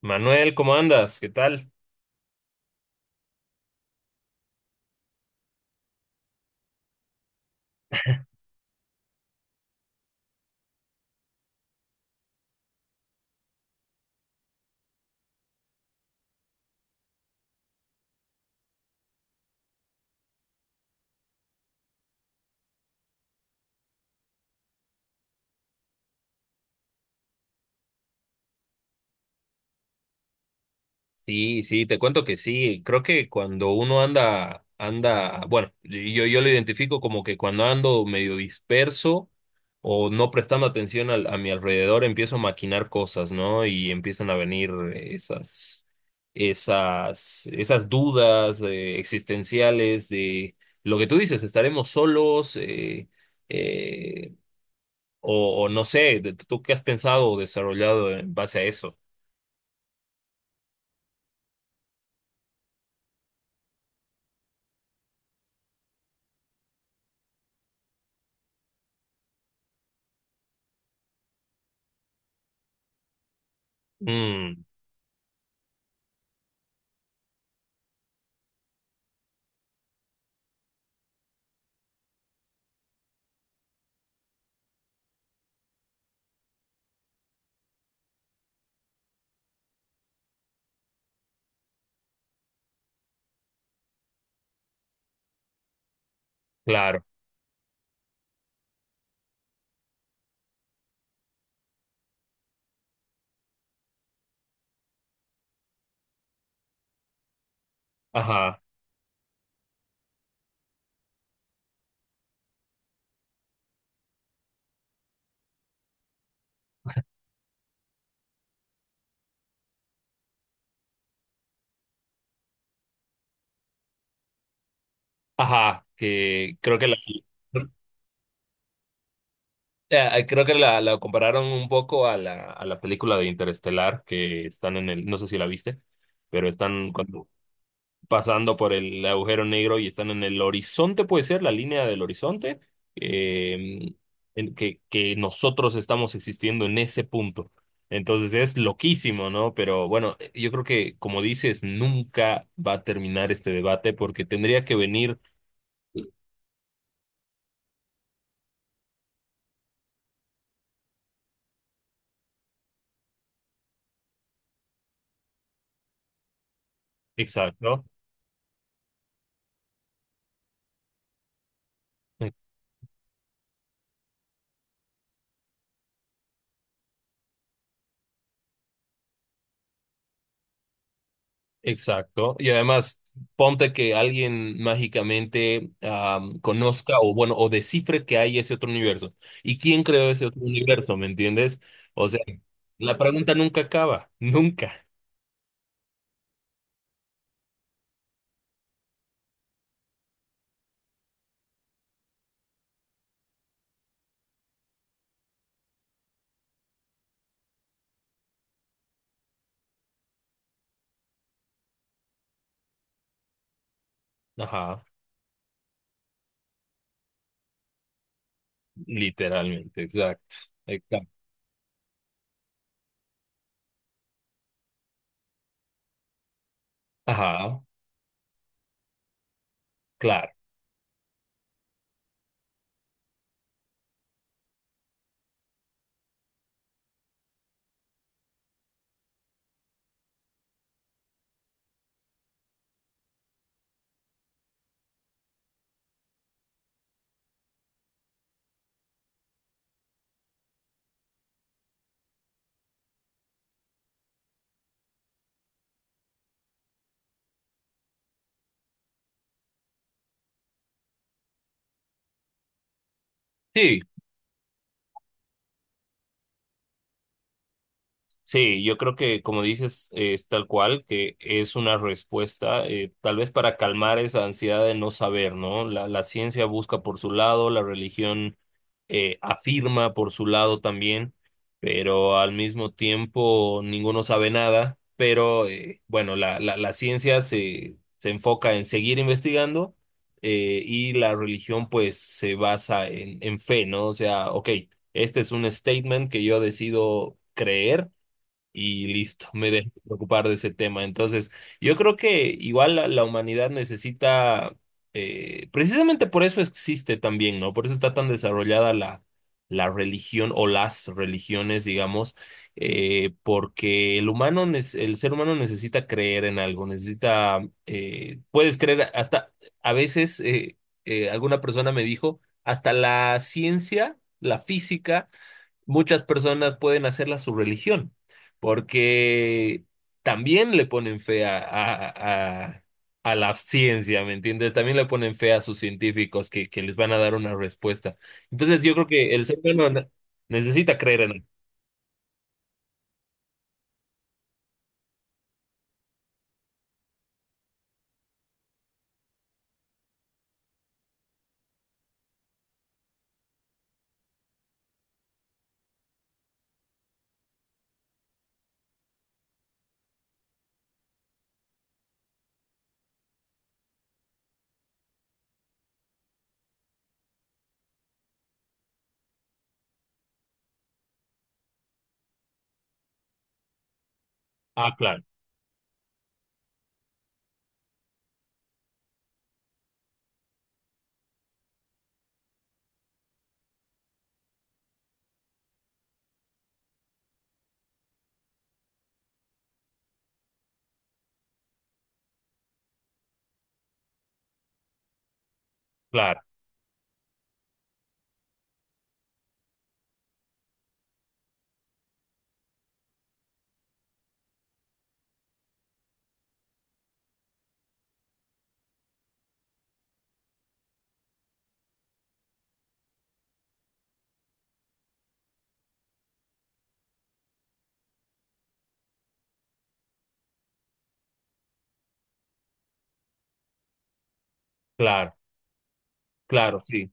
Manuel, ¿cómo andas? ¿Qué tal? Sí, sí, te cuento que sí. Creo que cuando uno anda, anda, bueno, yo lo identifico como que cuando ando medio disperso o no prestando atención a mi alrededor, empiezo a maquinar cosas, ¿no? Y empiezan a venir esas dudas existenciales de lo que tú dices. ¿Estaremos solos? Eh, o no sé, ¿tú qué has pensado o desarrollado en base a eso? Mm. Claro, ajá, ajá, que creo que creo que la compararon un poco a a la película de Interestelar, que están en el, no sé si la viste, pero están cuando, pasando por el agujero negro y están en el horizonte, puede ser, la línea del horizonte, eh, en que nosotros estamos existiendo en ese punto. Entonces es loquísimo, ¿no? Pero bueno, yo creo que, como dices, nunca va a terminar este debate porque tendría que venir, exacto. Exacto. Y además, ponte que alguien mágicamente conozca o bueno, o descifre que hay ese otro universo. ¿Y quién creó ese otro universo? ¿Me entiendes? O sea, la pregunta nunca acaba, nunca. Ajá, literalmente, exacto. Exacto. Ajá, claro. Sí. Sí, yo creo que como dices, es tal cual, que es una respuesta, tal vez para calmar esa ansiedad de no saber, ¿no? La ciencia busca por su lado, la religión afirma por su lado también, pero al mismo tiempo ninguno sabe nada, pero bueno, la ciencia se enfoca en seguir investigando, y la religión pues se basa en fe, ¿no? O sea, ok, este es un statement que yo decido creer y listo, me dejé de preocupar de ese tema. Entonces, yo creo que igual la humanidad necesita, precisamente por eso existe también, ¿no? Por eso está tan desarrollada la religión o las religiones, digamos, porque el humano, el ser humano necesita creer en algo, necesita, puedes creer hasta, a veces, alguna persona me dijo, hasta la ciencia, la física muchas personas pueden hacerla su religión, porque también le ponen fe a la ciencia, ¿me entiendes? También le ponen fe a sus científicos que les van a dar una respuesta. Entonces yo creo que el ser humano necesita creer en él. Ah, claro, claro, claro, claro, sí.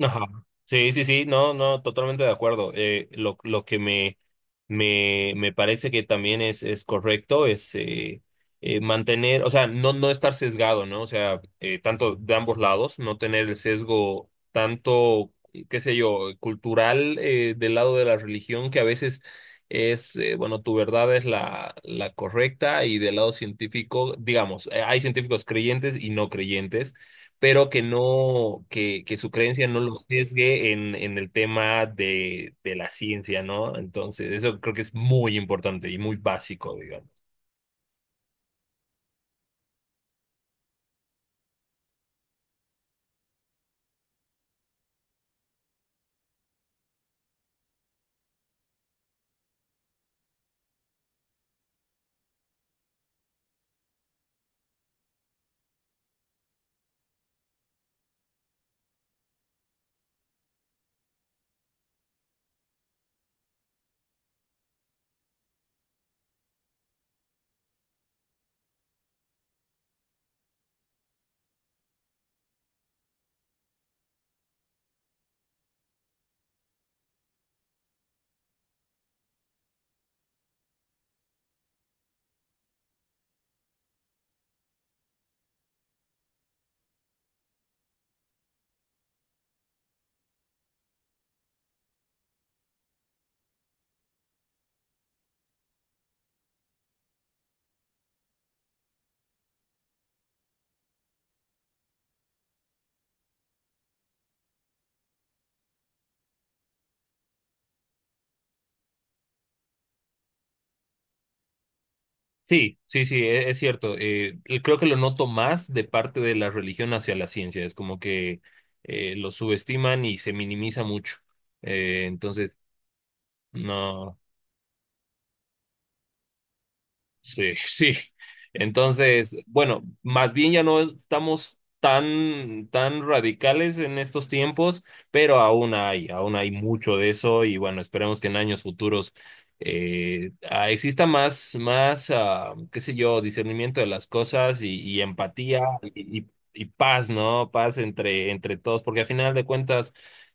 Ajá. Sí, sí, sí, no, no, totalmente de acuerdo. Lo que me parece que también es correcto es mantener, o sea, no, no estar sesgado, ¿no? O sea, tanto de ambos lados, no tener el sesgo tanto, qué sé yo, cultural del lado de la religión, que a veces es, bueno, tu verdad es la correcta, y del lado científico, digamos, hay científicos creyentes y no creyentes, pero que no, que su creencia no lo sesgue en el tema de la ciencia, ¿no? Entonces, eso creo que es muy importante y muy básico, digamos. Sí, sí, sí, es, cierto. Y creo que lo noto más de parte de la religión hacia la ciencia. Es como que lo subestiman y se minimiza mucho. Entonces, no. Sí, sí. Entonces, bueno, más bien ya no estamos tan, tan radicales en estos tiempos, pero aún hay mucho de eso, y bueno, esperemos que en años futuros exista más, qué sé yo, discernimiento de las cosas y empatía y y paz, ¿no? Paz entre, entre todos, porque al final de cuentas,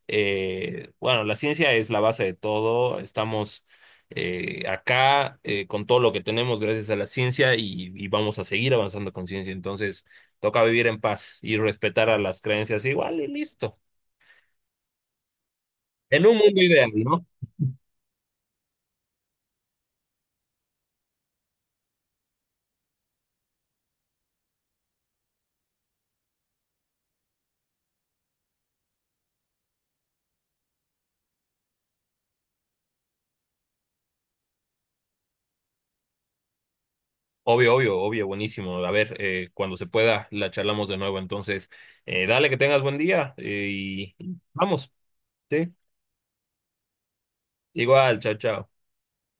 bueno, la ciencia es la base de todo, estamos acá con todo lo que tenemos gracias a la ciencia y vamos a seguir avanzando con ciencia. Entonces, toca vivir en paz y respetar a las creencias igual y listo. En un mundo ideal, ¿no? Obvio, obvio, obvio, buenísimo. A ver, cuando se pueda, la charlamos de nuevo. Entonces, dale que tengas buen día, y vamos, ¿sí? Igual, chao, chao.